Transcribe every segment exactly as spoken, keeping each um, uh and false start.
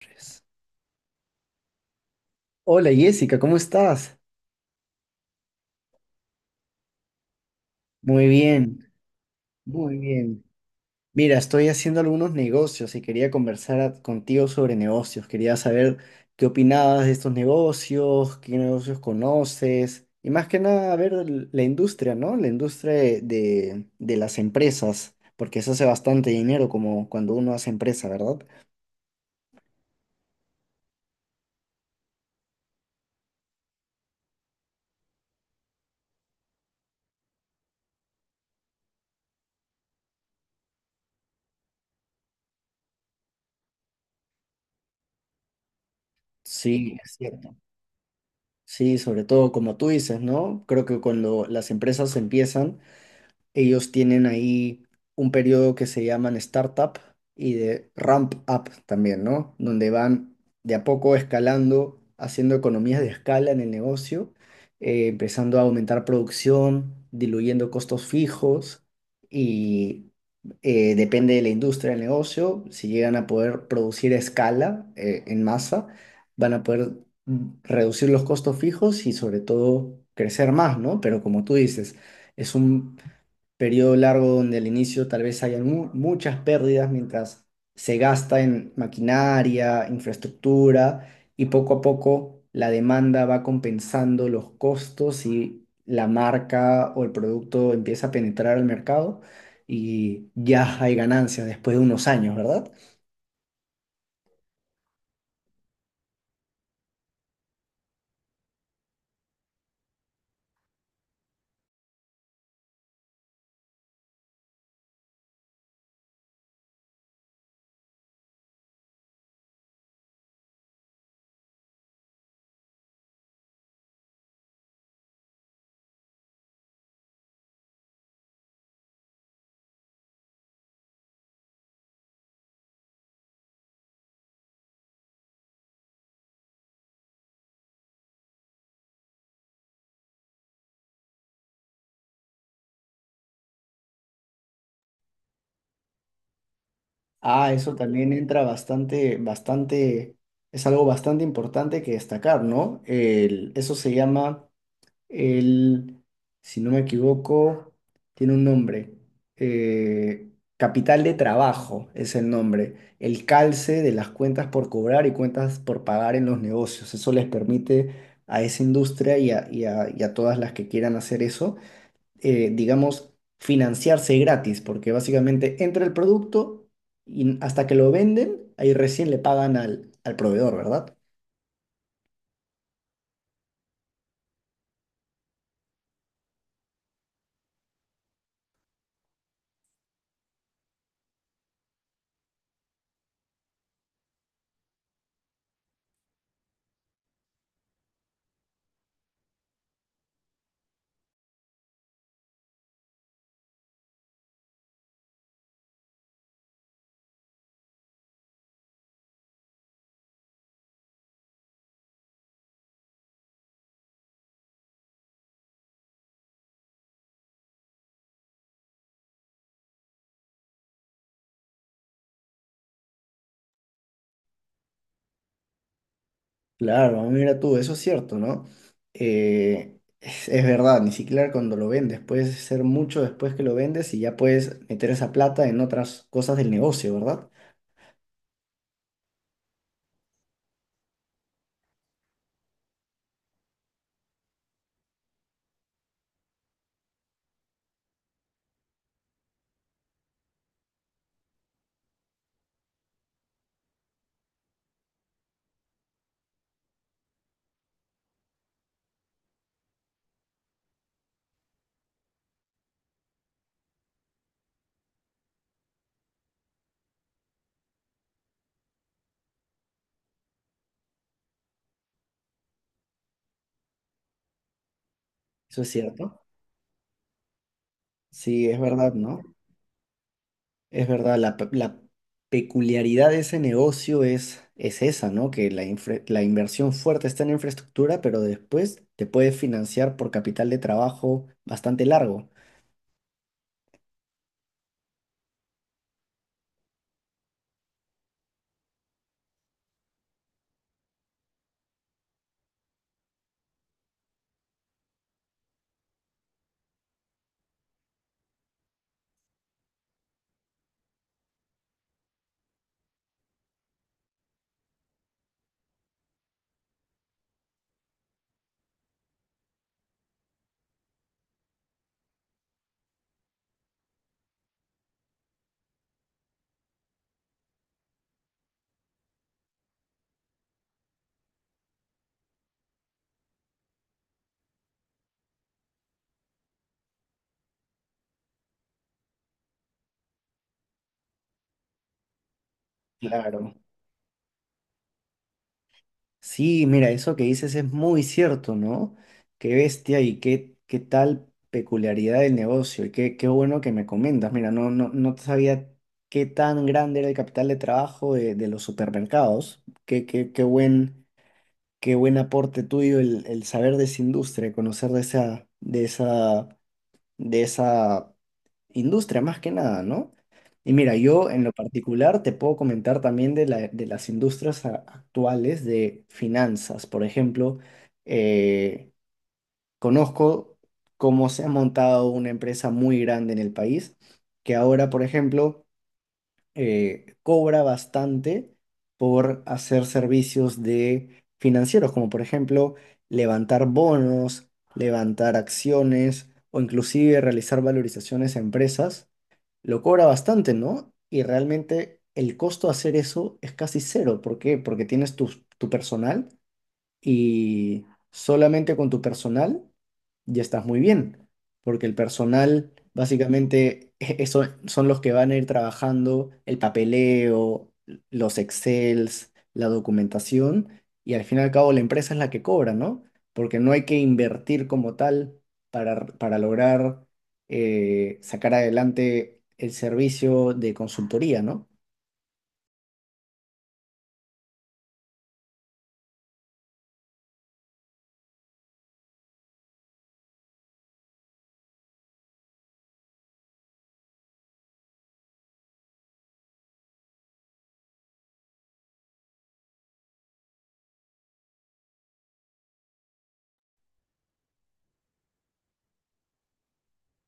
Pues, hola Jessica, ¿cómo estás? Muy bien, muy bien. Mira, estoy haciendo algunos negocios y quería conversar a- contigo sobre negocios. Quería saber qué opinabas de estos negocios, qué negocios conoces y más que nada a ver l- la industria, ¿no? La industria de, de- de las empresas, porque se hace bastante dinero como cuando uno hace empresa, ¿verdad? Sí, es cierto. Sí, sobre todo como tú dices, ¿no? Creo que cuando las empresas empiezan, ellos tienen ahí un periodo que se llaman startup y de ramp up también, ¿no? Donde van de a poco escalando, haciendo economías de escala en el negocio, eh, empezando a aumentar producción, diluyendo costos fijos y eh, depende de la industria del negocio, si llegan a poder producir a escala eh, en masa, van a poder mm, reducir los costos fijos y sobre todo crecer más, ¿no? Pero como tú dices, es un periodo largo donde al inicio tal vez hayan mu- muchas pérdidas mientras se gasta en maquinaria, infraestructura y poco a poco la demanda va compensando los costos y la marca o el producto empieza a penetrar al mercado y ya hay ganancias después de unos años, ¿verdad? Ah, eso también entra bastante, bastante, es algo bastante importante que destacar, ¿no? El- eso se llama él, si no me equivoco, tiene un nombre. eh, Capital de Trabajo es el nombre. El calce de las cuentas por cobrar y cuentas por pagar en los negocios. Eso les permite a esa industria y a, y a- y a todas las que quieran hacer eso, eh, digamos, financiarse gratis, porque básicamente entra el producto y hasta que lo venden, ahí recién le pagan al al proveedor, ¿verdad? Claro, mira tú, eso es cierto, ¿no? Eh, es, es verdad, ni siquiera cuando lo vendes, puedes ser mucho después que lo vendes y ya puedes meter esa plata en otras cosas del negocio, ¿verdad? Eso es cierto. Sí, es verdad, ¿no? Es verdad, la, pe- la peculiaridad de ese negocio es, es esa, ¿no? Que la, infra- la inversión fuerte está en la infraestructura, pero después te puedes financiar por capital de trabajo bastante largo. Claro. Sí, mira, eso que dices es muy cierto, ¿no? Qué bestia y qué, qué tal peculiaridad del negocio y qué, qué bueno que me comentas. Mira, no, no, no sabía qué tan grande era el capital de trabajo de, de los supermercados. Qué, qué, qué buen, qué buen aporte tuyo el, el saber de esa industria, conocer de esa, de esa de esa industria, más que nada, ¿no? Y mira, yo en lo particular te puedo comentar también de, la- de las industrias a- actuales de finanzas. Por ejemplo, eh, conozco cómo se ha montado una empresa muy grande en el país, que ahora, por ejemplo, eh, cobra bastante por hacer servicios de financieros, como por ejemplo levantar bonos, levantar acciones o inclusive realizar valorizaciones a empresas, lo cobra bastante, ¿no? Y realmente el costo de hacer eso es casi cero. ¿Por qué? Porque tienes tu, tu personal y solamente con tu personal ya estás muy bien, porque el personal básicamente e- eso son los que van a ir trabajando el papeleo, los Excels, la documentación y al fin y al cabo la empresa es la que cobra, ¿no? Porque no hay que invertir como tal para, para lograr eh, sacar adelante el servicio de consultoría, ¿no?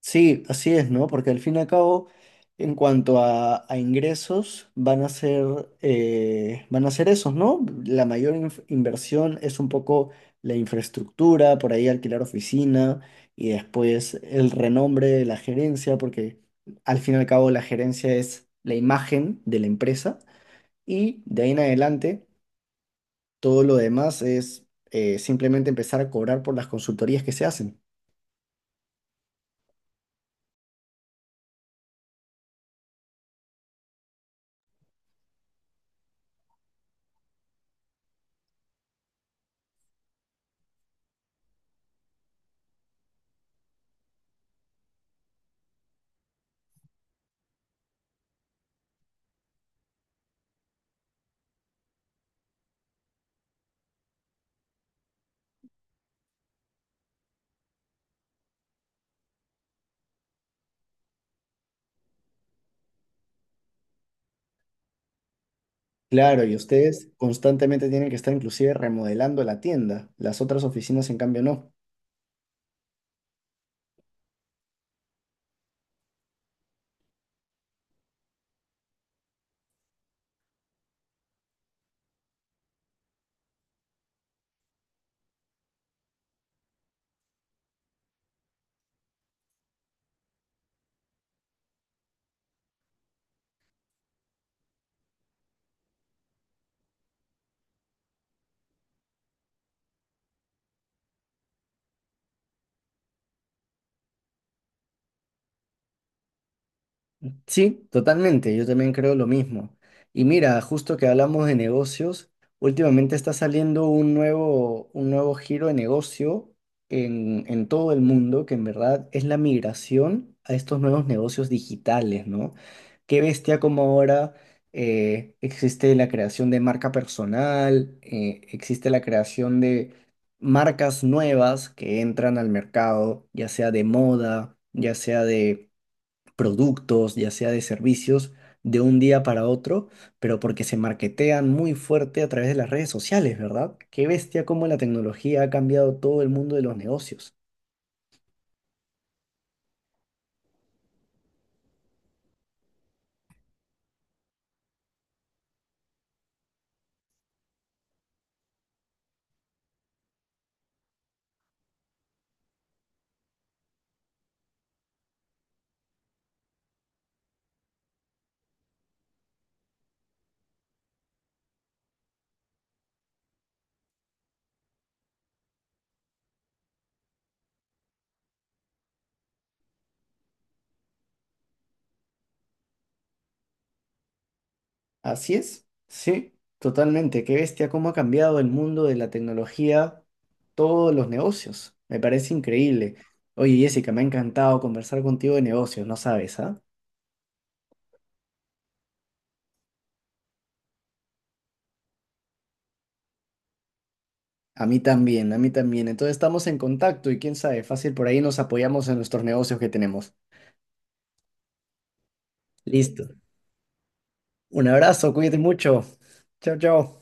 Sí, así es, ¿no? Porque al fin y al cabo, en cuanto a, a ingresos, van a ser, eh, van a ser esos, ¿no? La mayor inf- inversión es un poco la infraestructura, por ahí alquilar oficina y después el renombre de la gerencia, porque al fin y al cabo la gerencia es la imagen de la empresa y de ahí en adelante todo lo demás es eh, simplemente empezar a cobrar por las consultorías que se hacen. Claro, y ustedes constantemente tienen que estar inclusive remodelando la tienda. Las otras oficinas, en cambio, no. Sí, totalmente, yo también creo lo mismo. Y mira, justo que hablamos de negocios, últimamente está saliendo un nuevo, un nuevo giro de negocio en, en todo el mundo, que en verdad es la migración a estos nuevos negocios digitales, ¿no? Qué bestia como ahora eh, existe la creación de marca personal, eh, existe la creación de marcas nuevas que entran al mercado, ya sea de moda, ya sea de productos, ya sea de servicios, de un día para otro, pero porque se marketean muy fuerte a través de las redes sociales, ¿verdad? Qué bestia cómo la tecnología ha cambiado todo el mundo de los negocios. Así es, sí, totalmente. Qué bestia cómo ha cambiado el mundo de la tecnología, todos los negocios. Me parece increíble. Oye, Jessica, me ha encantado conversar contigo de negocios, no sabes, ¿ah? A mí también, a mí también. Entonces estamos en contacto y quién sabe, fácil por ahí nos apoyamos en nuestros negocios que tenemos. Listo. Un abrazo, cuídate mucho. Chao, chao.